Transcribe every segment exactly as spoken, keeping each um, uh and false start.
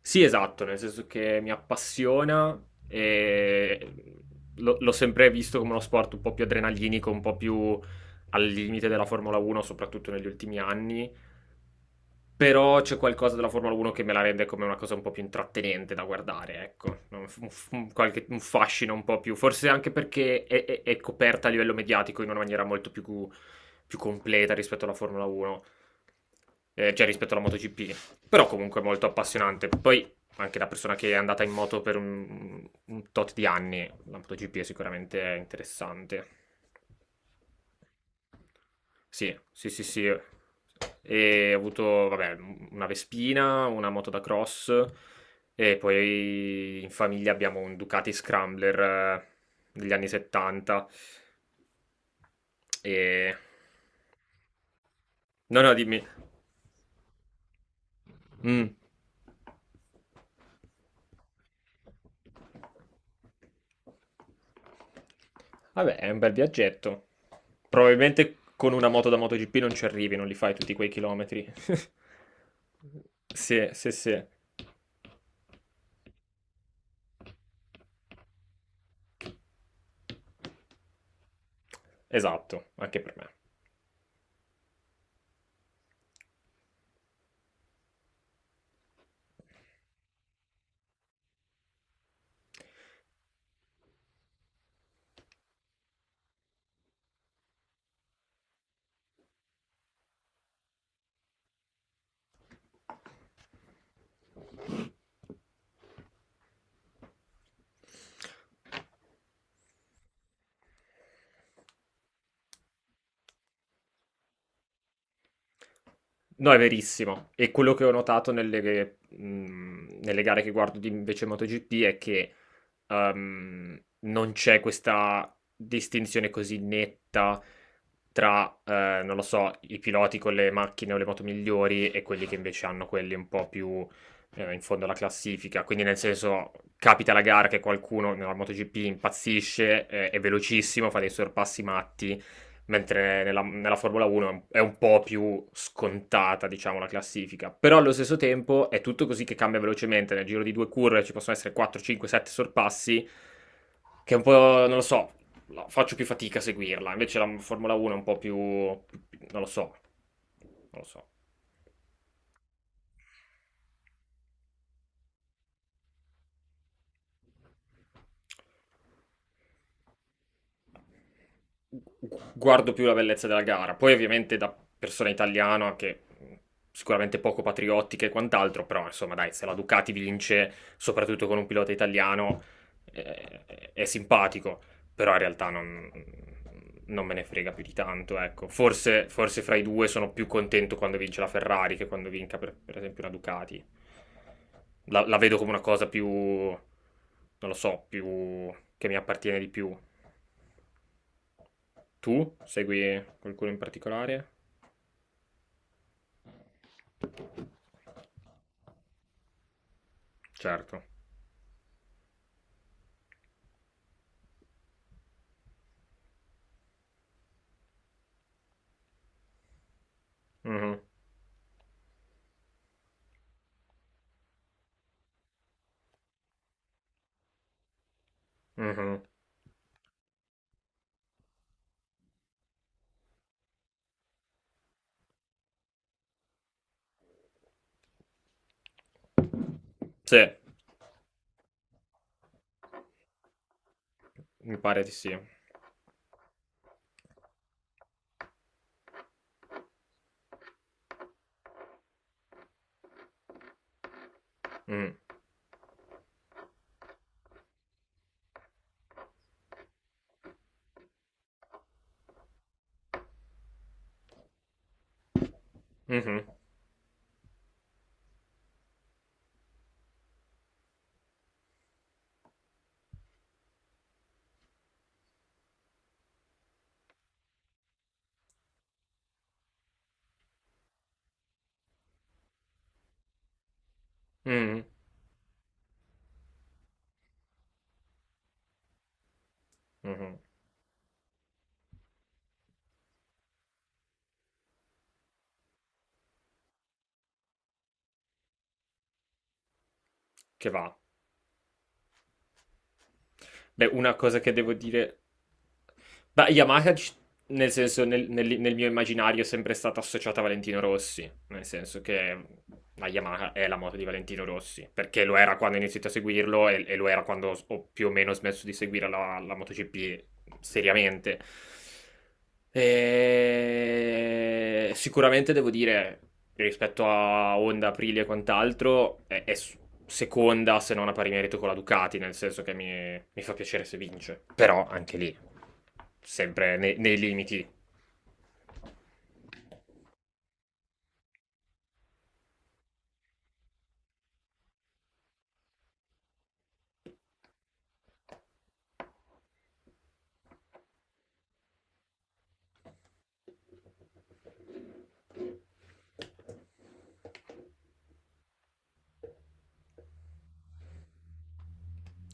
Sì, esatto, nel senso che mi appassiona e l'ho l'ho sempre visto come uno sport un po' più adrenalinico, un po' più al limite della Formula uno, soprattutto negli ultimi anni, però c'è qualcosa della Formula uno che me la rende come una cosa un po' più intrattenente da guardare, ecco. Un, f- un f- un qualche- un fascino un po' più, forse anche perché è, è- è coperta a livello mediatico in una maniera molto più, più completa rispetto alla Formula uno, eh, cioè rispetto alla MotoGP. Però comunque è molto appassionante. Poi, anche da persona che è andata in moto per un, un tot di anni, la MotoGP è sicuramente interessante. Sì, sì, sì, sì. E ho avuto, vabbè, m- una Vespina, una moto da cross e poi in famiglia abbiamo un Ducati Scrambler eh, degli anni settanta. E... No, no, dimmi. Mm. Vabbè, è un bel viaggetto. Probabilmente con una moto da MotoGP non ci arrivi, non li fai tutti quei chilometri. Sì, sì, sì. Esatto, anche per me. No, è verissimo. E quello che ho notato nelle, mh, nelle gare che guardo di invece MotoGP è che ehm, non c'è questa distinzione così netta tra, eh, non lo so, i piloti con le macchine o le moto migliori e quelli che invece hanno quelli un po' più eh, in fondo alla classifica. Quindi, nel senso, capita la gara che qualcuno nella MotoGP impazzisce, eh, è velocissimo, fa dei sorpassi matti mentre nella, nella Formula uno è un, è un po' più scontata, diciamo, la classifica. Però allo stesso tempo è tutto così che cambia velocemente, nel giro di due curve ci possono essere quattro, cinque, sette sorpassi, che è un po', non lo so, no, faccio più fatica a seguirla. Invece la Formula uno è un po' più, non lo so, non lo so. Guardo più la bellezza della gara. Poi ovviamente da persona italiana che sicuramente poco patriottica e quant'altro, però insomma dai, se la Ducati vince, soprattutto con un pilota italiano, eh, è simpatico, però in realtà non, non me ne frega più di tanto, ecco. Forse, forse fra i due sono più contento quando vince la Ferrari che quando vinca per, per esempio una Ducati. La, la vedo come una cosa più, non lo so, più che mi appartiene di più. Tu segui qualcuno in particolare? Certo. Mhm, mhm. Sì, mi pare di sì. Mm, mhm, mhm, mhm. Che va. Beh, una cosa che devo dire. Beh, Yamaha, ci- nel senso, nel, nel- nel mio immaginario è sempre stata associata a Valentino Rossi, nel senso che la Yamaha è la moto di Valentino Rossi, perché lo era quando ho iniziato a seguirlo e, e lo era quando ho più o meno smesso di seguire la, la MotoGP seriamente. E... Sicuramente devo dire, rispetto a Honda, Aprilia e quant'altro, è, è s- seconda se non a pari merito con la Ducati, nel senso che mi, mi fa piacere se vince. Però anche lì, sempre nei, nei limiti.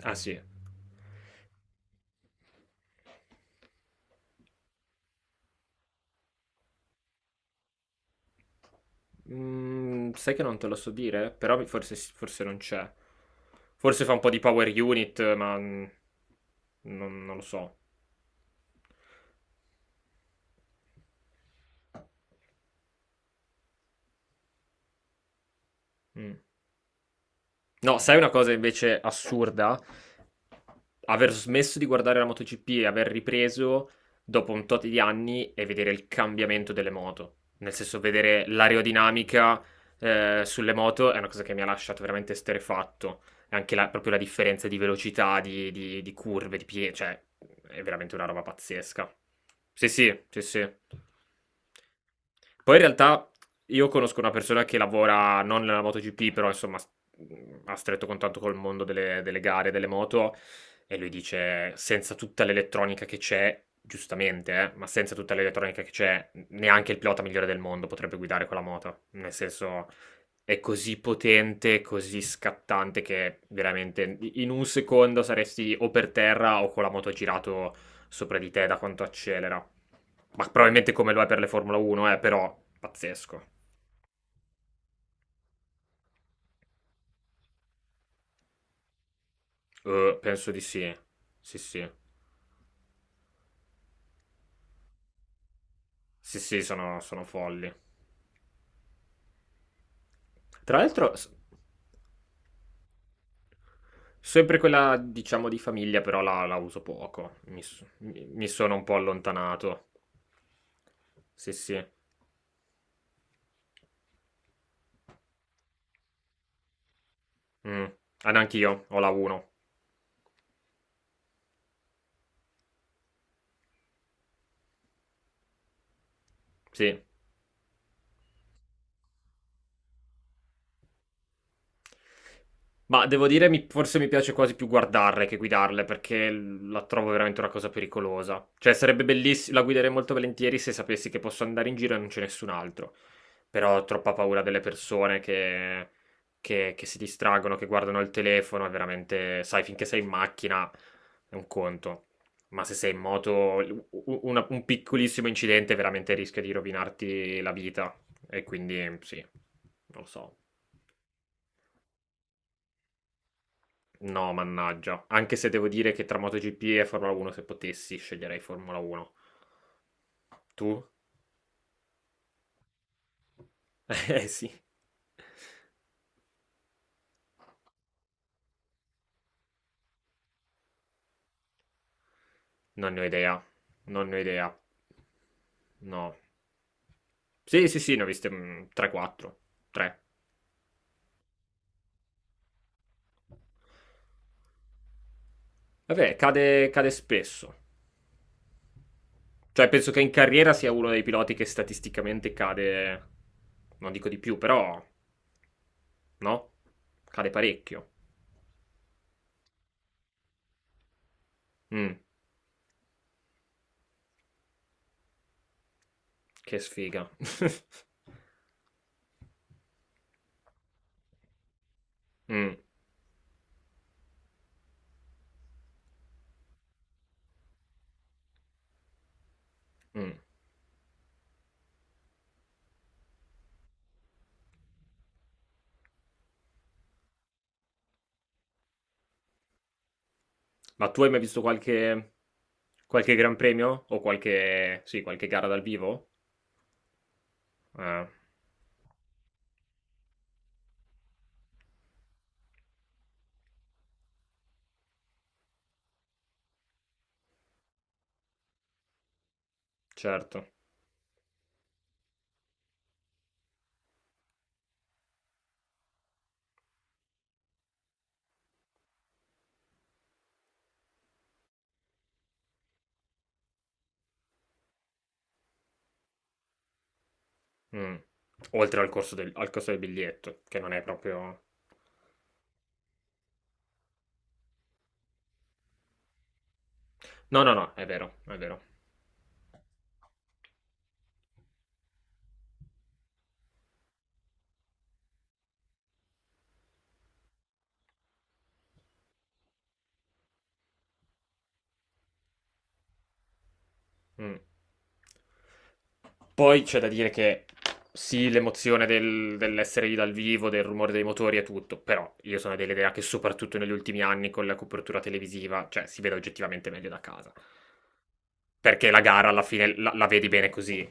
Ah sì. Mm, sai che non te lo so dire? Però mi- forse, forse non c'è. Forse fa un po' di power unit, ma mm, non, non lo so. Mm. No, sai una cosa invece assurda? Aver smesso di guardare la MotoGP e aver ripreso dopo un tot di anni e vedere il cambiamento delle moto. Nel senso, vedere l'aerodinamica eh, sulle moto è una cosa che mi ha lasciato veramente esterrefatto anche la, proprio la differenza di velocità, di, di- di curve, di piedi, cioè è veramente una roba pazzesca. Sì, sì, sì, sì. Poi in realtà io conosco una persona che lavora non nella MotoGP, però insomma s- ha stretto contatto col mondo delle, delle gare, delle moto, e lui dice, senza tutta l'elettronica che c'è, giustamente, eh, ma senza tutta l'elettronica che c'è, neanche il pilota migliore del mondo potrebbe guidare quella moto. Nel senso, è così potente, così scattante che veramente in un secondo saresti o per terra o con la moto girato sopra di te da quanto accelera. Ma probabilmente come lo è per le Formula uno, eh, però pazzesco. Eh, penso di sì. Sì, sì. Sì, sì, sono, sono folli. Tra l'altro, s- sempre quella, diciamo, di famiglia, però la, la uso poco. Mi, s- mi- mi sono un po' allontanato. Sì, sì. Mm. Ah, neanch'io, ho la uno. Sì, Ma devo dire, mi- forse mi piace quasi più guardarle che guidarle, perché l- la trovo veramente una cosa pericolosa. Cioè, sarebbe bellissimo, la guiderei molto volentieri se sapessi che posso andare in giro e non c'è nessun altro. Però ho troppa paura delle persone che, che- che si distraggono, che guardano il telefono, è veramente. Sai, finché sei in macchina è un conto. Ma se sei in moto, l- u- una- un piccolissimo incidente veramente rischia di rovinarti la vita. E quindi, sì, non lo so. No, mannaggia. Anche se devo dire che tra MotoGP e Formula uno, se potessi, sceglierei Formula uno. Tu? Eh sì. Non ne ho idea. Non ne ho idea. No. Sì, sì, sì, ne ho viste mm, tre quattro. tre. Vabbè, cade, cade spesso. Cioè, penso che in carriera sia uno dei piloti che statisticamente cade. Non dico di più, però. No? Cade parecchio. Mm, che sfiga. Mm, mm. Ma tu hai mai visto qualche, qualche Gran Premio? O qualche, sì, qualche gara dal vivo? Eh, certo. Mm. Oltre al corso del, al costo del biglietto, che non è proprio. No, no, no, è vero, è vero. Mh. Poi c'è da dire che sì, l'emozione del dell'essere lì dal vivo, del rumore dei motori e tutto, però io sono dell'idea che soprattutto negli ultimi anni con la copertura televisiva, cioè si vede oggettivamente meglio da casa. Perché la gara alla fine la la vedi bene così.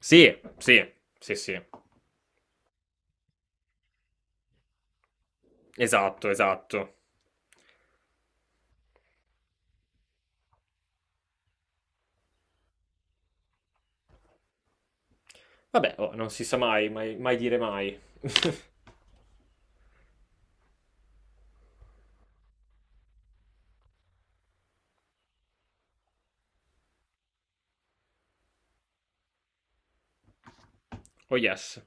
Sì, sì, sì, sì. Esatto, esatto. Vabbè, oh, non si sa mai, mai mai dire mai. Oh yes.